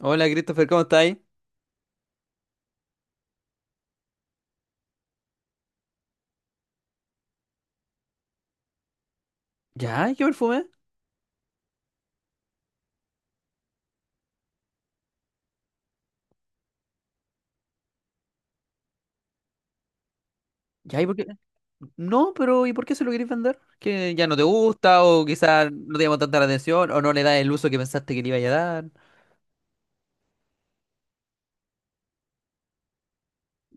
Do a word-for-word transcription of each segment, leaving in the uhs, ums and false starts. Hola Christopher, ¿cómo estáis? ¿Ya? ¿Y ¿Qué perfume? ¿Ya? ¿Y por qué? No, pero ¿y por qué se lo queréis vender? ¿Que ya no te gusta o quizás no te llama tanta la atención o no le das el uso que pensaste que le iba a dar?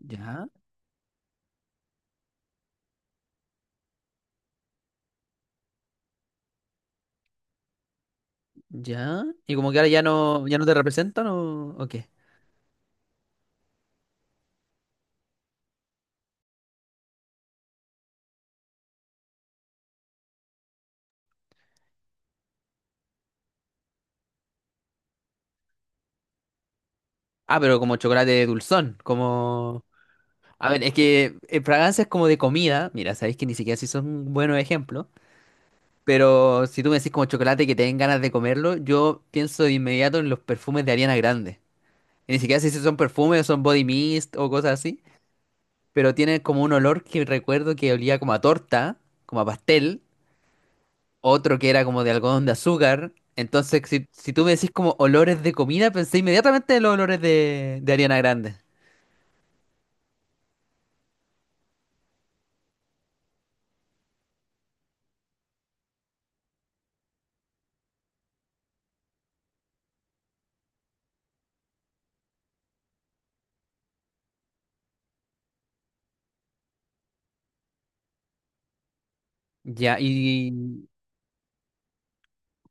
¿Ya? ¿Ya? ¿Y como que ahora ya no, ya no te representan o, o qué? Ah, pero como chocolate dulzón, como. A ver, es que eh, fragancias como de comida, mira, sabéis que ni siquiera si son buenos ejemplos, pero si tú me decís como chocolate que te den ganas de comerlo, yo pienso de inmediato en los perfumes de Ariana Grande. Ni siquiera sé si son perfumes, son body mist o cosas así, pero tiene como un olor que recuerdo que olía como a torta, como a pastel, otro que era como de algodón de azúcar. Entonces, si, si tú me decís como olores de comida, pensé inmediatamente en los olores de, de Ariana Grande. Ya, y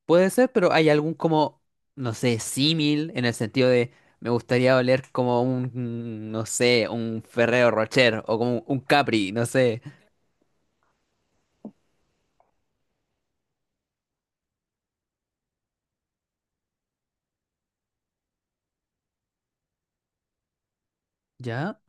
puede ser, pero hay algún como, no sé, símil en el sentido de me gustaría oler como un, no sé, un Ferrero Rocher o como un Capri, no sé. ¿Ya?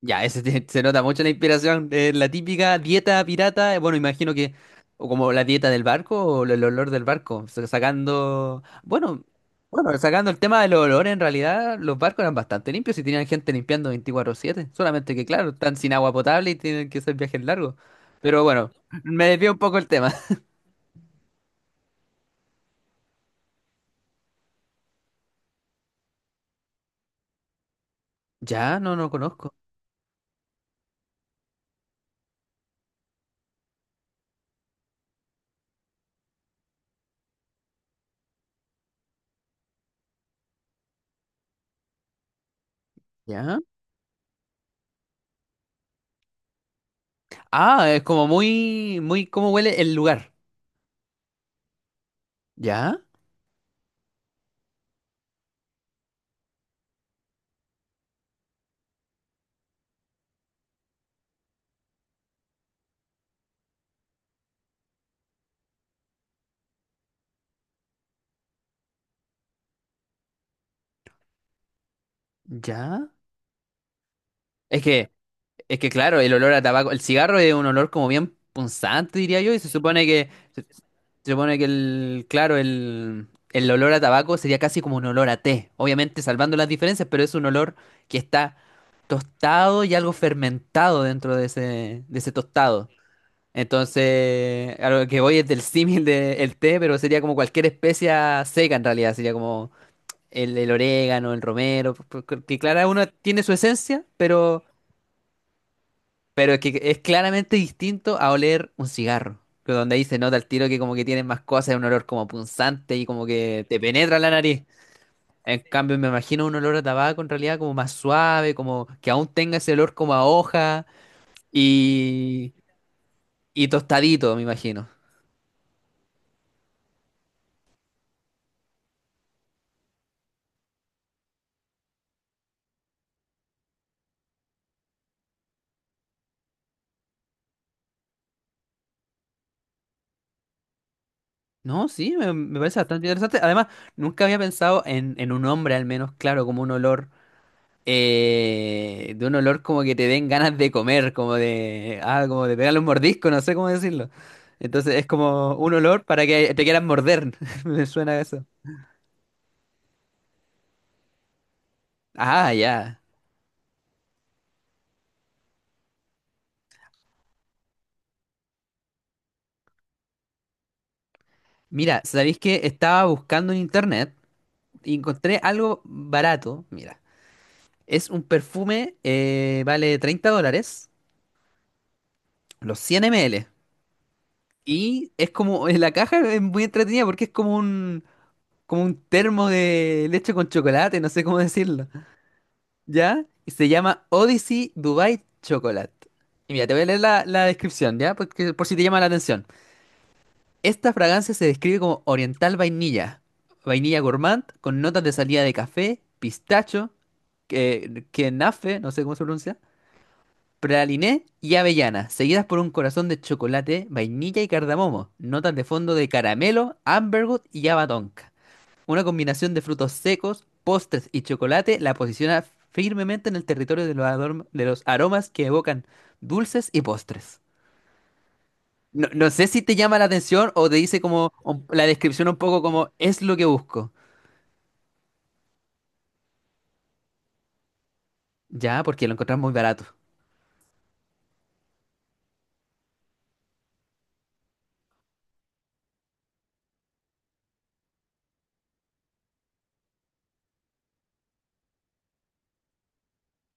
Ya, ese tiene- se nota mucho la inspiración. eh, la típica dieta pirata, eh, bueno, imagino que, o como la dieta del barco, o el olor del barco, sa- sacando, bueno, bueno, sacando el tema del olor, en realidad los barcos eran bastante limpios y tenían gente limpiando veinticuatro siete solamente que, claro, están sin agua potable y tienen que hacer viajes largos. Pero bueno, me desvío un poco el tema. Ya, no, no conozco. Ya. Ah, es como muy, muy, cómo huele el lugar. Ya, ya. Es que... Es que claro, el olor a tabaco, el cigarro es un olor como bien punzante, diría yo, y se supone que, se, se supone que el, claro, el, el olor a tabaco sería casi como un olor a té, obviamente salvando las diferencias, pero es un olor que está tostado y algo fermentado dentro de ese, de ese, tostado. Entonces, a lo que voy es del símil del té, pero sería como cualquier especia seca en realidad, sería como el, el, orégano, el romero, porque claro, uno tiene su esencia, pero pero es que es claramente distinto a oler un cigarro, que donde ahí se nota el tiro que como que tienen más cosas, es un olor como punzante y como que te penetra la nariz. En cambio, me imagino un olor a tabaco en realidad como más suave, como que aún tenga ese olor como a hoja y, y tostadito, me imagino. No, sí, me, me parece bastante interesante. Además, nunca había pensado en, en un hombre al menos, claro, como un olor. eh, de un olor como que te den ganas de comer, como de, ah, como de pegarle un mordisco, no sé cómo decirlo. Entonces es como un olor para que te quieran morder. Me suena a eso. Ah, ya. Mira, ¿sabéis que estaba buscando en internet y encontré algo barato? Mira, es un perfume, eh, vale treinta dólares, los cien ml. Y es como, en la caja es muy entretenida porque es como un, como un termo de leche con chocolate, no sé cómo decirlo. ¿Ya? Y se llama Odyssey Dubai Chocolate. Y mira, te voy a leer la, la descripción, ¿ya? Porque, por si te llama la atención. Esta fragancia se describe como oriental vainilla, vainilla gourmand, con notas de salida de café, pistacho, que, kenafe, no sé cómo se pronuncia, praliné y avellana, seguidas por un corazón de chocolate, vainilla y cardamomo, notas de fondo de caramelo, amberwood y abatonca. Una combinación de frutos secos, postres y chocolate la posiciona firmemente en el territorio de los, adorm- de los aromas que evocan dulces y postres. No, no sé si te llama la atención o te dice como un- la descripción un poco como es lo que busco. Ya, porque lo encontramos muy barato.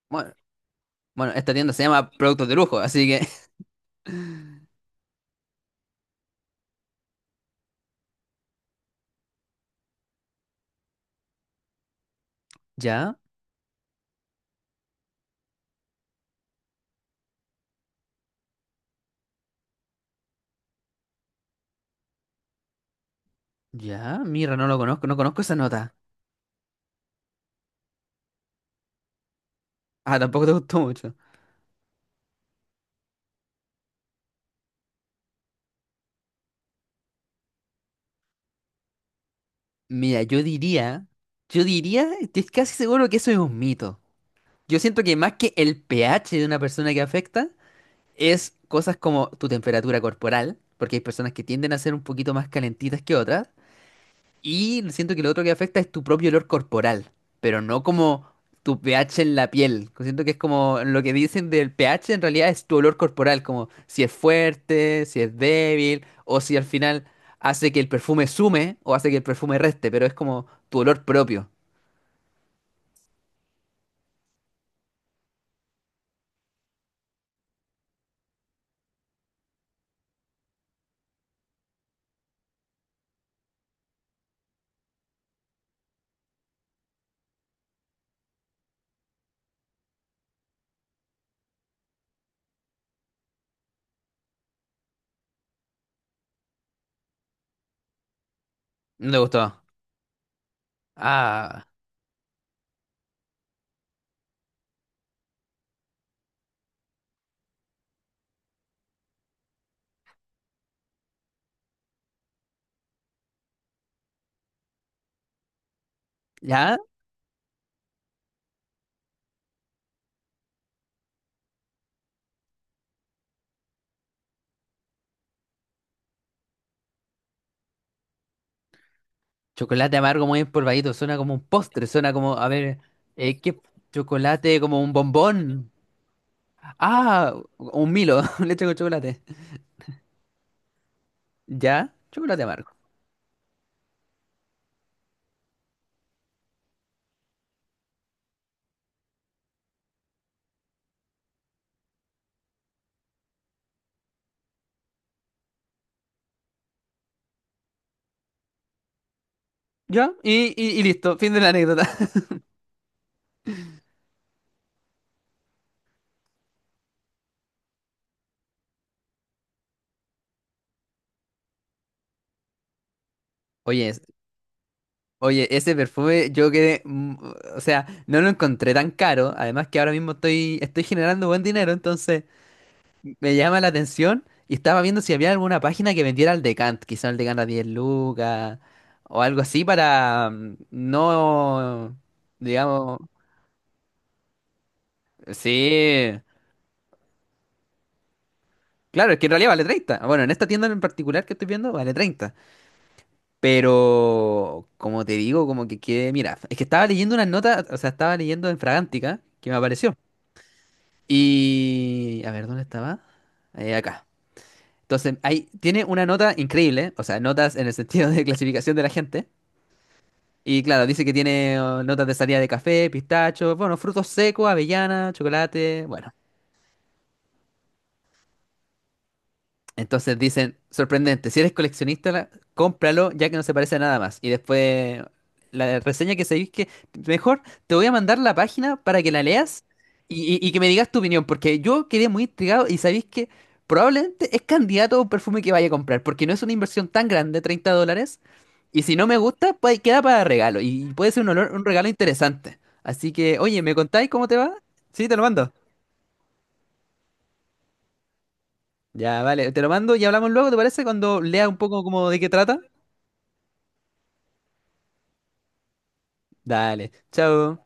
Bueno, bueno, esta tienda se llama Productos de Lujo, así que. Ya, ya, mira, no lo conozco, no conozco esa nota. Ah, tampoco te gustó mucho. Mira, yo diría, yo diría, estoy casi seguro que eso es un mito. Yo siento que más que el pH de una persona que afecta, es cosas como tu temperatura corporal, porque hay personas que tienden a ser un poquito más calentitas que otras, y siento que lo otro que afecta es tu propio olor corporal, pero no como tu pH en la piel. Siento que es como lo que dicen del pH en realidad es tu olor corporal, como si es fuerte, si es débil, o si al final hace que el perfume sume o hace que el perfume reste, pero es como tu olor propio. No me gustó. Ah, ¿ya? Chocolate amargo muy empolvadito, suena como un postre, suena como, a ver, eh, ¿qué chocolate? Como un bombón. Ah, un Milo, leche con chocolate. Ya, chocolate amargo. Ya, y, y, y listo, fin de la anécdota. Oye, es- oye, ese perfume yo quedé, mm, o sea, no lo encontré tan caro, además que ahora mismo estoy, estoy generando buen dinero, entonces. Me llama la atención y estaba viendo si había alguna página que vendiera el Decant, quizá el Decant a diez lucas o algo así para mm, no, digamos, sí, claro, es que en realidad vale treinta. Bueno, en esta tienda en particular que estoy viendo vale treinta, pero como te digo, como que quede, mira, es que estaba leyendo unas notas, o sea, estaba leyendo en Fragántica que me apareció y, a ver, ¿dónde estaba? Eh, acá. Entonces, ahí tiene una nota increíble, o sea, notas en el sentido de clasificación de la gente. Y claro, dice que tiene oh, notas de salida de café, pistacho, bueno, frutos secos, avellana, chocolate, bueno. Entonces dicen, sorprendente, si eres coleccionista, la- cómpralo ya que no se parece a nada más. Y después la reseña que sabéis que mejor te voy a mandar la página para que la leas y, y- y que me digas tu opinión, porque yo quedé muy intrigado y sabéis que probablemente es candidato a un perfume que vaya a comprar, porque no es una inversión tan grande, treinta dólares, y si no me gusta, pues queda para regalo y puede ser un olor- un regalo interesante. Así que, oye, ¿me contáis cómo te va? Sí, te lo mando. Ya, vale, te lo mando y hablamos luego, ¿te parece? Cuando lea un poco como de qué trata. Dale, chao.